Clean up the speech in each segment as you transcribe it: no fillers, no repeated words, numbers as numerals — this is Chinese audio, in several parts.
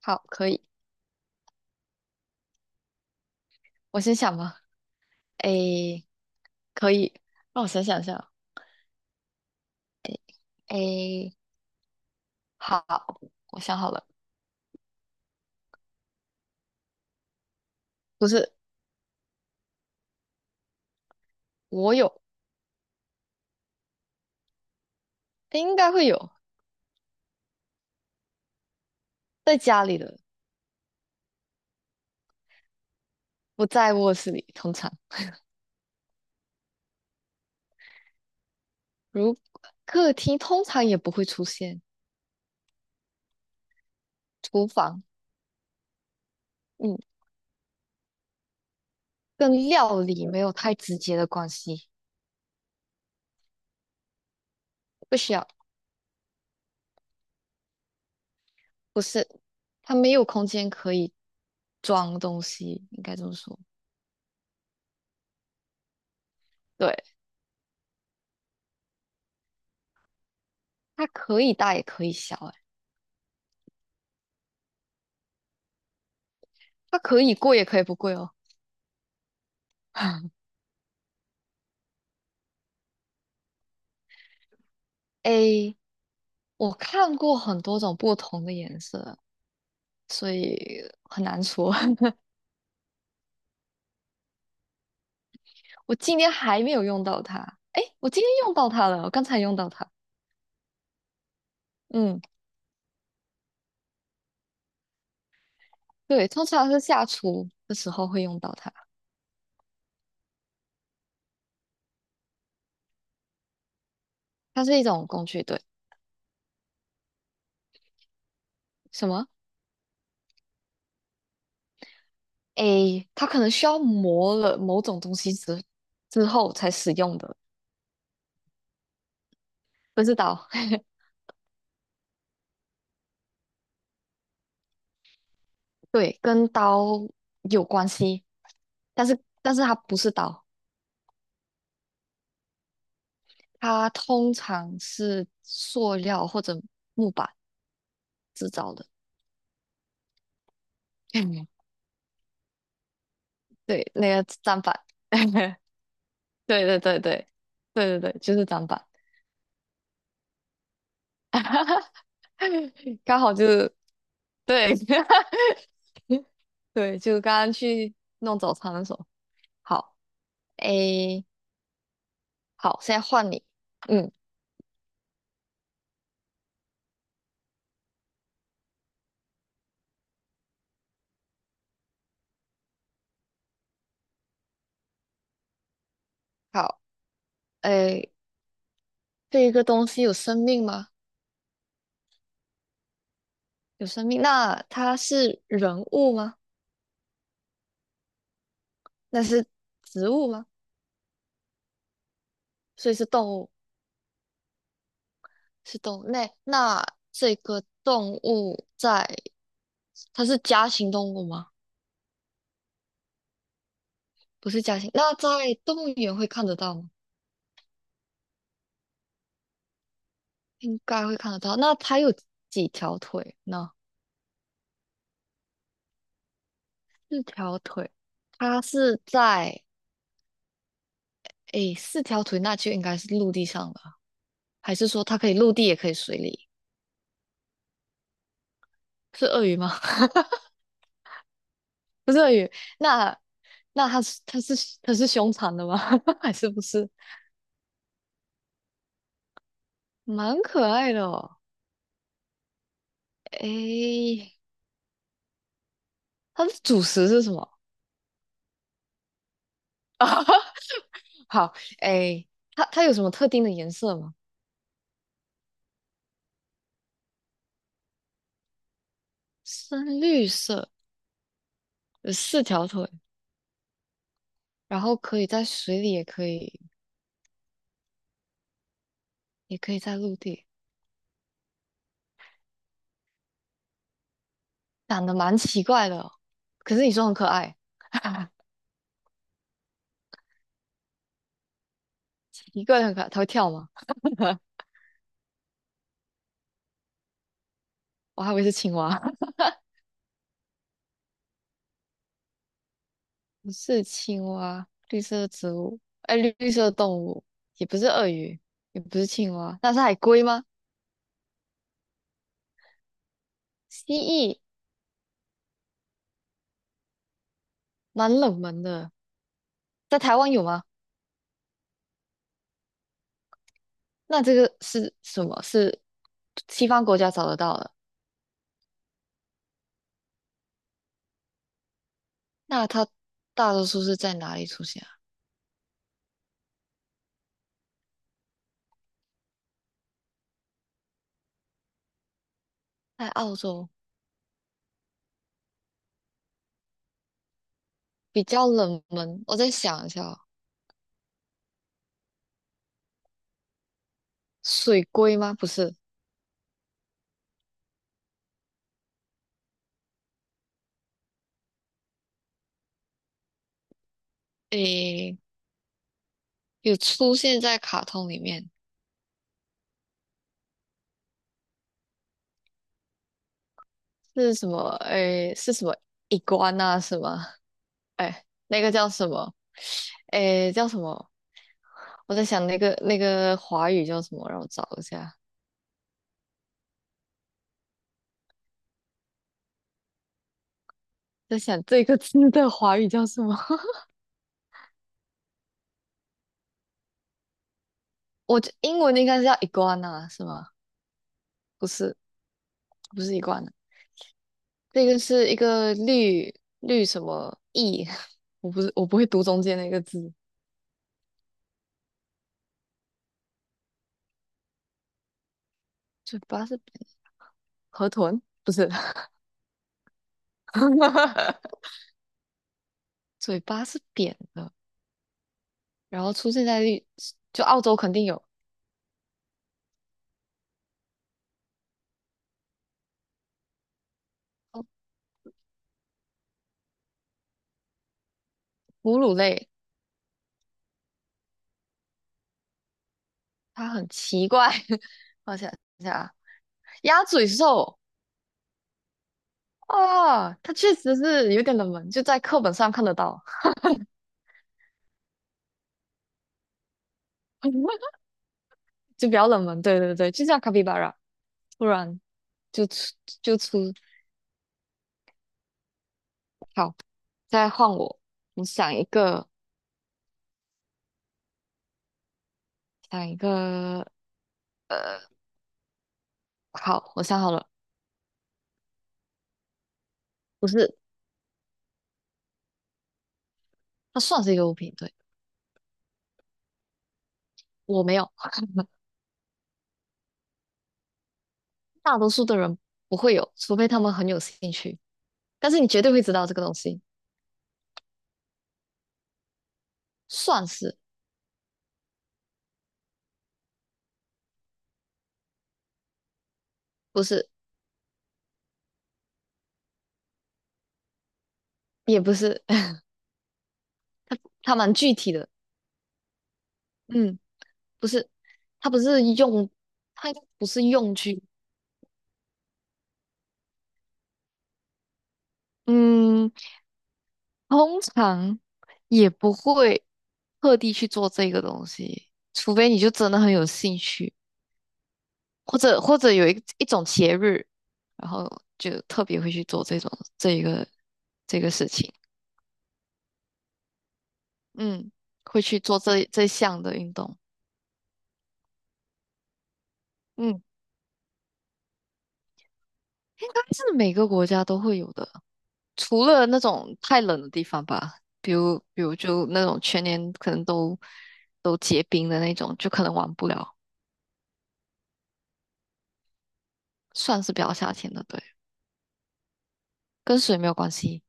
好，可以。我先想吧。诶，可以。让我想一下。诶，好，我想好了。不是，我有，应该会有，在家里的，不在卧室里，通常。如客厅通常也不会出现，厨房，嗯，跟料理没有太直接的关系。不需要，不是，它没有空间可以装东西，应该这么说。对，它可以大也可以小，诶，它可以贵也可以不贵哦。A 我看过很多种不同的颜色，所以很难说。我今天还没有用到它，诶，我今天用到它了，我刚才用到它。嗯，对，通常是下厨的时候会用到它，它是一种工具。对，什么？诶，它可能需要磨了某种东西之后才使用的，不是刀。对，跟刀有关系，但是它不是刀，它通常是塑料或者木板制造的。对，那个砧板，对对对对对对对，就是砧板，刚好就是对。 对，就刚刚去弄早餐的时候，好，诶，好，现在换你，嗯，好，诶，这一个东西有生命吗？有生命，那它是人物吗？那是植物吗？所以是动物。是动物类。那这个动物在，它是家禽动物吗？不是家禽。那在动物园会看得到吗？应该会看得到。那它有几条腿呢？四条腿。它是在，诶，四条腿那就应该是陆地上了，还是说它可以陆地也可以水里？是鳄鱼吗？不是鳄鱼。那那它是凶残的吗？还是不是？蛮可爱的哦。诶，它的主食是什么？好，哎，它它有什么特定的颜色吗？深绿色，有四条腿，然后可以在水里，也可以，也可以在陆地，长得蛮奇怪的哦，可是你说很可爱。奇怪的很可爱，它会跳吗？我还以为是青蛙，不是青蛙，绿色的植物，哎，绿绿色的动物，也不是鳄鱼，也不是青蛙，那是海龟吗？蜥蜴，蛮冷门的，在台湾有吗？那这个是什么？是西方国家找得到的？那它大多数是在哪里出现啊？在澳洲，比较冷门。我再想一下哦，水龟吗？不是，诶，有出现在卡通里面，是什么？诶，是什么？AN 啊？是吗？诶，那个叫什么？诶，叫什么？我在想那个华语叫什么？让我找一下。在想这个字的华语叫什么？我觉英文应该是叫 iguana 是吗？不是，不是一罐的，这个是一个绿什么意，我不会读中间那个字，嘴巴是扁的河豚，不是，嘴巴是扁的，然后出现在绿，就澳洲肯定有哦，哺乳类，它很奇怪，我想一下啊，鸭嘴兽啊，它确实是有点冷门，就在课本上看得到，就比较冷门，对对对，就像卡皮巴拉，突然就出就出，好。再换我，你想一个，想一个，呃，好，我想好了，不是，它算是一个物品，对，我没有，大多数的人不会有，除非他们很有兴趣，但是你绝对会知道这个东西，算是，不是，也不是，它它蛮具体的，嗯，不是，它不是用，它不是用具，嗯，通常也不会特地去做这个东西，除非你就真的很有兴趣。或者有一种节日，然后就特别会去做这种这一个这个事情，嗯，会去做这项的运动，嗯，应该是每个国家都会有的，除了那种太冷的地方吧，比如就那种全年可能都都结冰的那种，就可能玩不了，算是比较夏天的，对，跟水没有关系，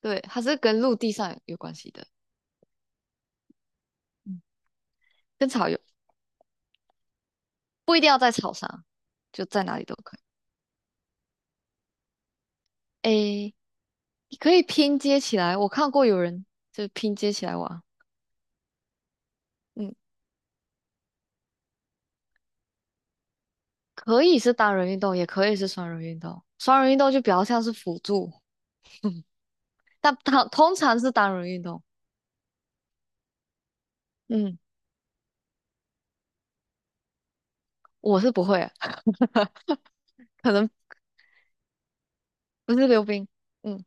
对，它是跟陆地上有关系的，嗯，跟草有，不一定要在草上，就在哪里都可以，诶。你可以拼接起来，我看过有人就拼接起来玩。嗯，可以是单人运动，也可以是双人运动。双人运动就比较像是辅助，但它通常是单人运动。嗯，我是不会啊，可能不是溜冰。嗯，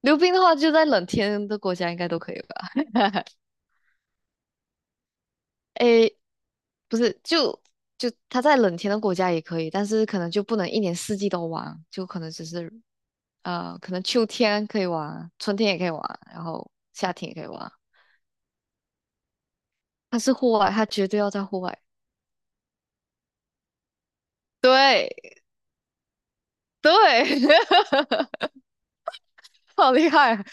溜冰的话，就在冷天的国家应该都可以吧？诶，不是，就就它在冷天的国家也可以，但是可能就不能一年四季都玩，就可能只是呃，可能秋天可以玩，春天也可以玩，然后夏天也可以玩。它是户外，它绝对要在户外。对对，好厉害！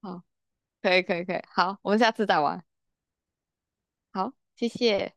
好，可以可以可以，好，我们下次再玩。好，谢谢。